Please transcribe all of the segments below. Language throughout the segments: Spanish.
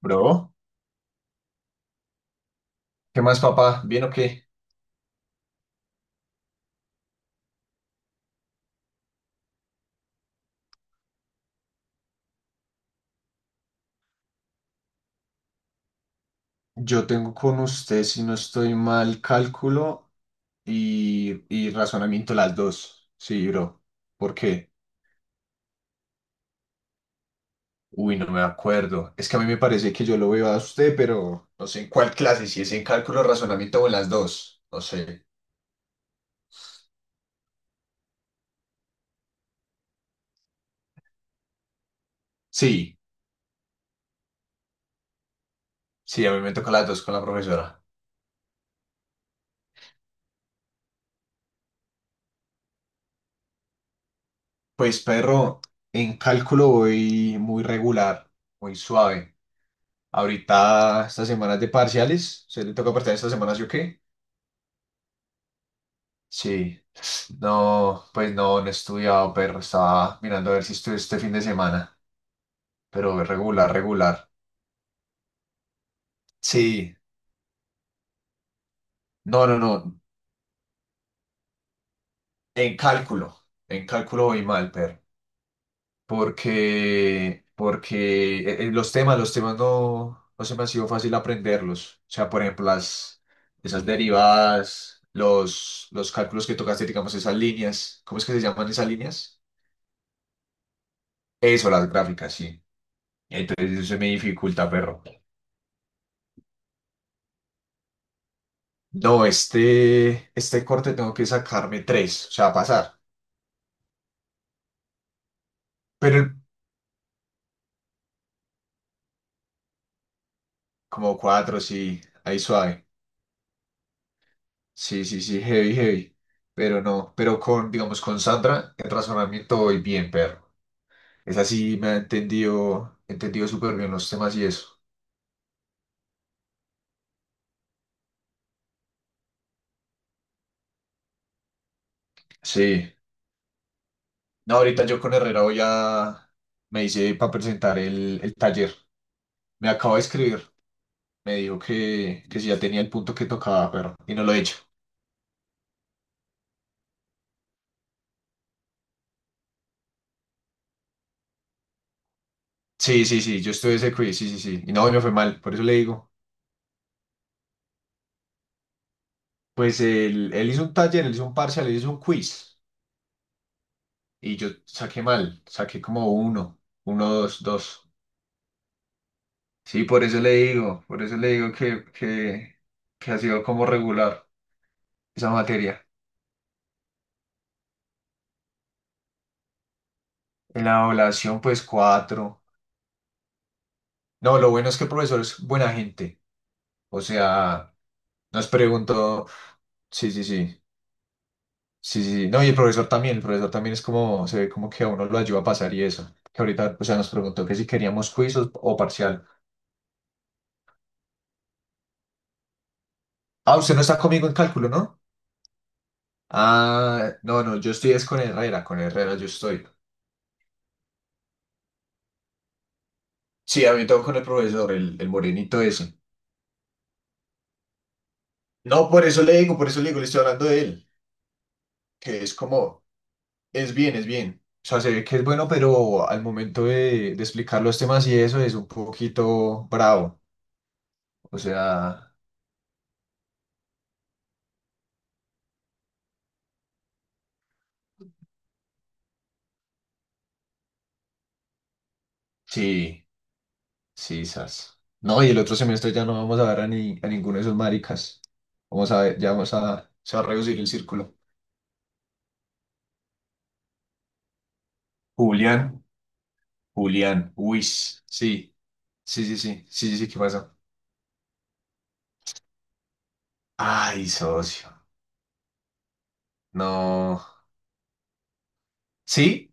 Bro, ¿qué más, papá? ¿Bien o qué? Yo tengo con usted, si no estoy mal, cálculo y razonamiento las dos. Sí, bro. ¿Por qué? Uy, no me acuerdo. Es que a mí me parece que yo lo veo a usted, pero no sé en cuál clase, si es en cálculo, razonamiento o en las dos. No sé. Sí, sí, a mí me toca las dos con la profesora. Pues, perro, en cálculo voy muy regular, muy suave. Ahorita, estas semanas de parciales, ¿se le toca partir estas semanas, yo qué? Sí, no, pues no he estudiado, pero estaba mirando a ver si estudio este fin de semana, pero regular, regular. Sí, no, no, no, en cálculo, en cálculo voy mal, pero, porque los temas, no se me ha sido fácil aprenderlos. O sea, por ejemplo, esas derivadas, los cálculos que tocaste, digamos, esas líneas, ¿cómo es que se llaman esas líneas? Eso, las gráficas, sí. Entonces eso se me dificulta, perro. No, este corte tengo que sacarme tres, o sea, pasar. Pero el- Como cuatro, sí, ahí suave. Sí, sí, sí, heavy, heavy. Pero no, pero con, digamos, con Sandra, el razonamiento voy bien, perro. Es así, me ha entendido súper bien los temas y eso. Sí. No, ahorita yo con Herrera voy a, me hice para presentar el taller. Me acabo de escribir. Me dijo que si ya tenía el punto que tocaba, pero, y no lo he hecho. Sí, sí, sí, yo estuve ese quiz, sí, sí, sí. Y no, y me fue mal, por eso le digo. Pues él hizo un taller, él hizo un parcial, él hizo un quiz. Y yo saqué mal, saqué como uno, uno, dos, dos. Sí, por eso le digo, por eso le digo que ha sido como regular esa materia. En la evaluación, pues cuatro. No, lo bueno es que el profesor es buena gente. O sea, nos preguntó, sí, sí, sí. Sí, sí, sí. No, y el profesor también es como, se ve como que a uno lo ayuda a pasar y eso. Que ahorita, o sea, nos preguntó que si queríamos quiz o parcial. Ah, usted no está conmigo en cálculo, ¿no? Ah, no, no, yo estoy es con Herrera yo estoy. Sí, a mí tengo con el profesor, el morenito ese. No, por eso le digo, por eso le digo, le estoy hablando de él, que es como, es bien, es bien. O sea, se ve que es bueno, pero al momento de explicar los temas y eso es un poquito bravo. O sea, sí. Sí, sas. No, y el otro semestre ya no vamos a ver a, ni, a ninguno de esos maricas. Vamos a ver, ya vamos a, se va a reducir el círculo. Julián, Julián, Uis. Sí, sí, sí, sí, sí, sí, sí, ¿qué pasa? Ay, socio. No. ¿Sí?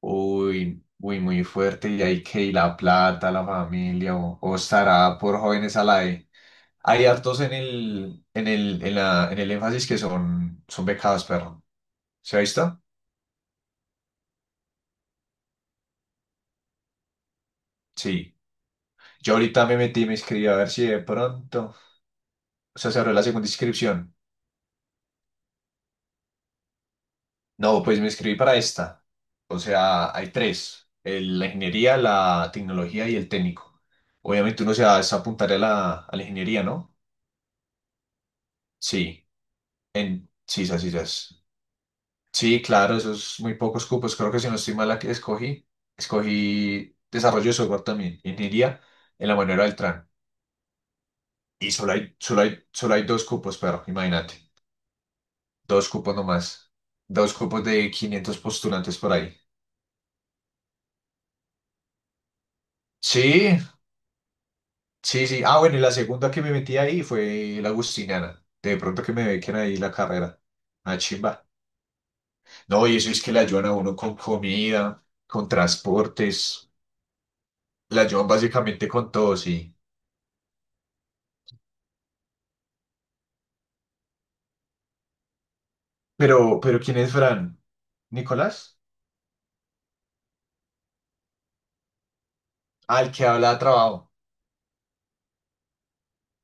Uy, uy, muy fuerte. Y hay que ir la plata, la familia, o estará por jóvenes a la E. Hay hartos en el énfasis que son, son becados, perro. ¿Se ha visto? Sí. Yo ahorita me metí, me inscribí a ver si de pronto. O sea, se abrió la segunda inscripción. No, pues me inscribí para esta. O sea, hay tres. La ingeniería, la tecnología y el técnico. Obviamente uno se va es apuntar a a la ingeniería, ¿no? Sí, en sí, sí, sí. Sí, sí, claro, esos muy pocos cupos. Creo que si no estoy mal, escogí desarrollo de software también, ingeniería en la manera del TRAN. Y solo hay dos cupos, pero imagínate. Dos cupos nomás. Dos cupos de 500 postulantes por ahí. Sí, sí, sí. Ah, bueno, y la segunda que me metí ahí fue la Agustiniana. De pronto que me bequen ahí la carrera. Ah, chimba. No, y eso es que la ayudan a uno con comida, con transportes. La ayudan básicamente con todo, sí. Pero ¿quién es Fran? ¿Nicolás? Ah, el que habla de trabajo.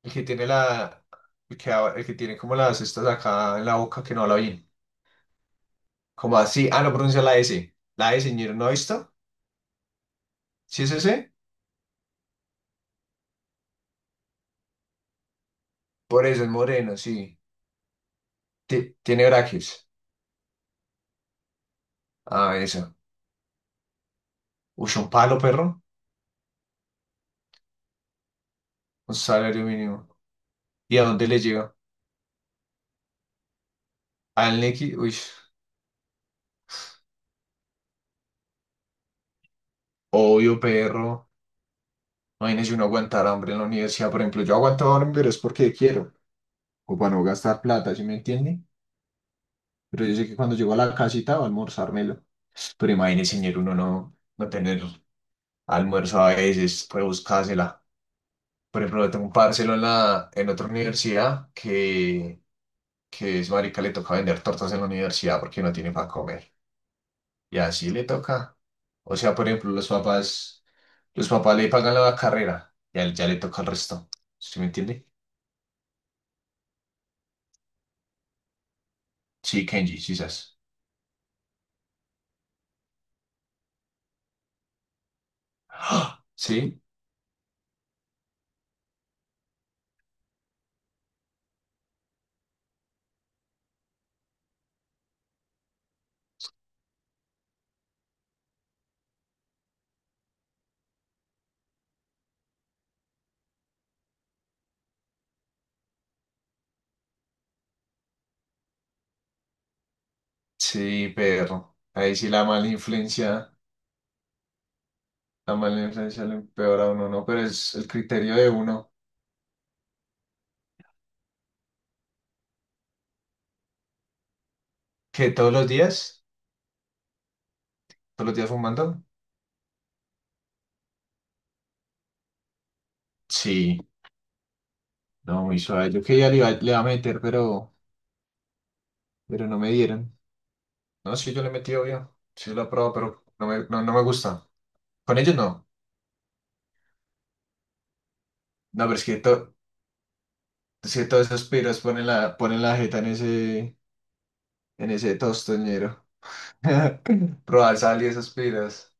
El que tiene la... El que tiene como las estas acá en la boca que no habla bien. Como así. Ah, no pronuncia la S. La S, señor, ¿no ha visto? ¿Sí es ese? Por eso, el moreno, sí. Tiene braques. Ah, eso. Uy, un palo, perro. Un salario mínimo. ¿Y a dónde le llega? Al Neki. Uy, obvio, perro. Imagínese uno aguantar hambre en la universidad, por ejemplo. Yo aguanto hambre, pero es porque quiero. O para no gastar plata, ¿sí me entiende? Pero yo sé que cuando llego a la casita va a almorzármelo. Pero imagínese, señor, uno no tener almuerzo a veces, puede buscársela. Por ejemplo, yo tengo un parcelo en, la, en otra universidad que es marica le toca vender tortas en la universidad porque no tiene para comer. Y así le toca. O sea, por ejemplo, los papás le pagan la carrera y a él ya le toca el resto. ¿Sí me entiende? Sí, Kenji, quizás. ¡Ah! Sí, sí, Pedro. Ahí sí la mala influencia le empeora a uno, ¿no? Pero es el criterio de uno. ¿Que todos los días? ¿Todos los días fumando? Sí, no, muy suave. Yo que ya le iba, pero no me dieron. No, sí, yo le he metido bien. Sí, lo he probado, pero no me gusta. Con ellos no. No, pero es que, es que todas esas piras ponen ponen la jeta en en ese tostoñero. Probar sal y esas piras.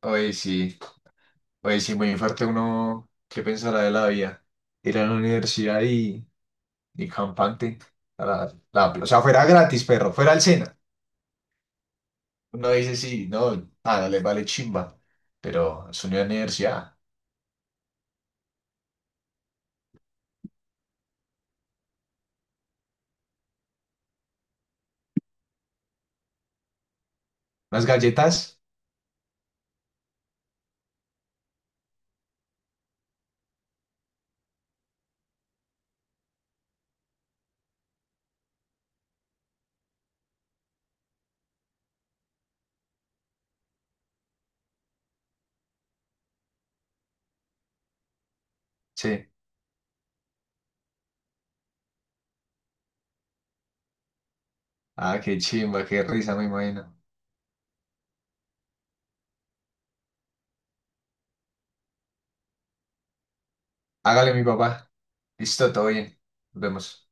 Oye, sí. Oye, sí, muy fuerte uno. ¿Qué pensará de la vida? Ir a la universidad y campante. O sea, fuera gratis, perro. Fuera al cena. Uno dice, sí, no, nada, le vale chimba. Pero es una universidad. Las galletas. Sí. Ah, qué chimba, qué risa, me imagino. Hágale, mi papá. Listo, todo bien. Nos vemos.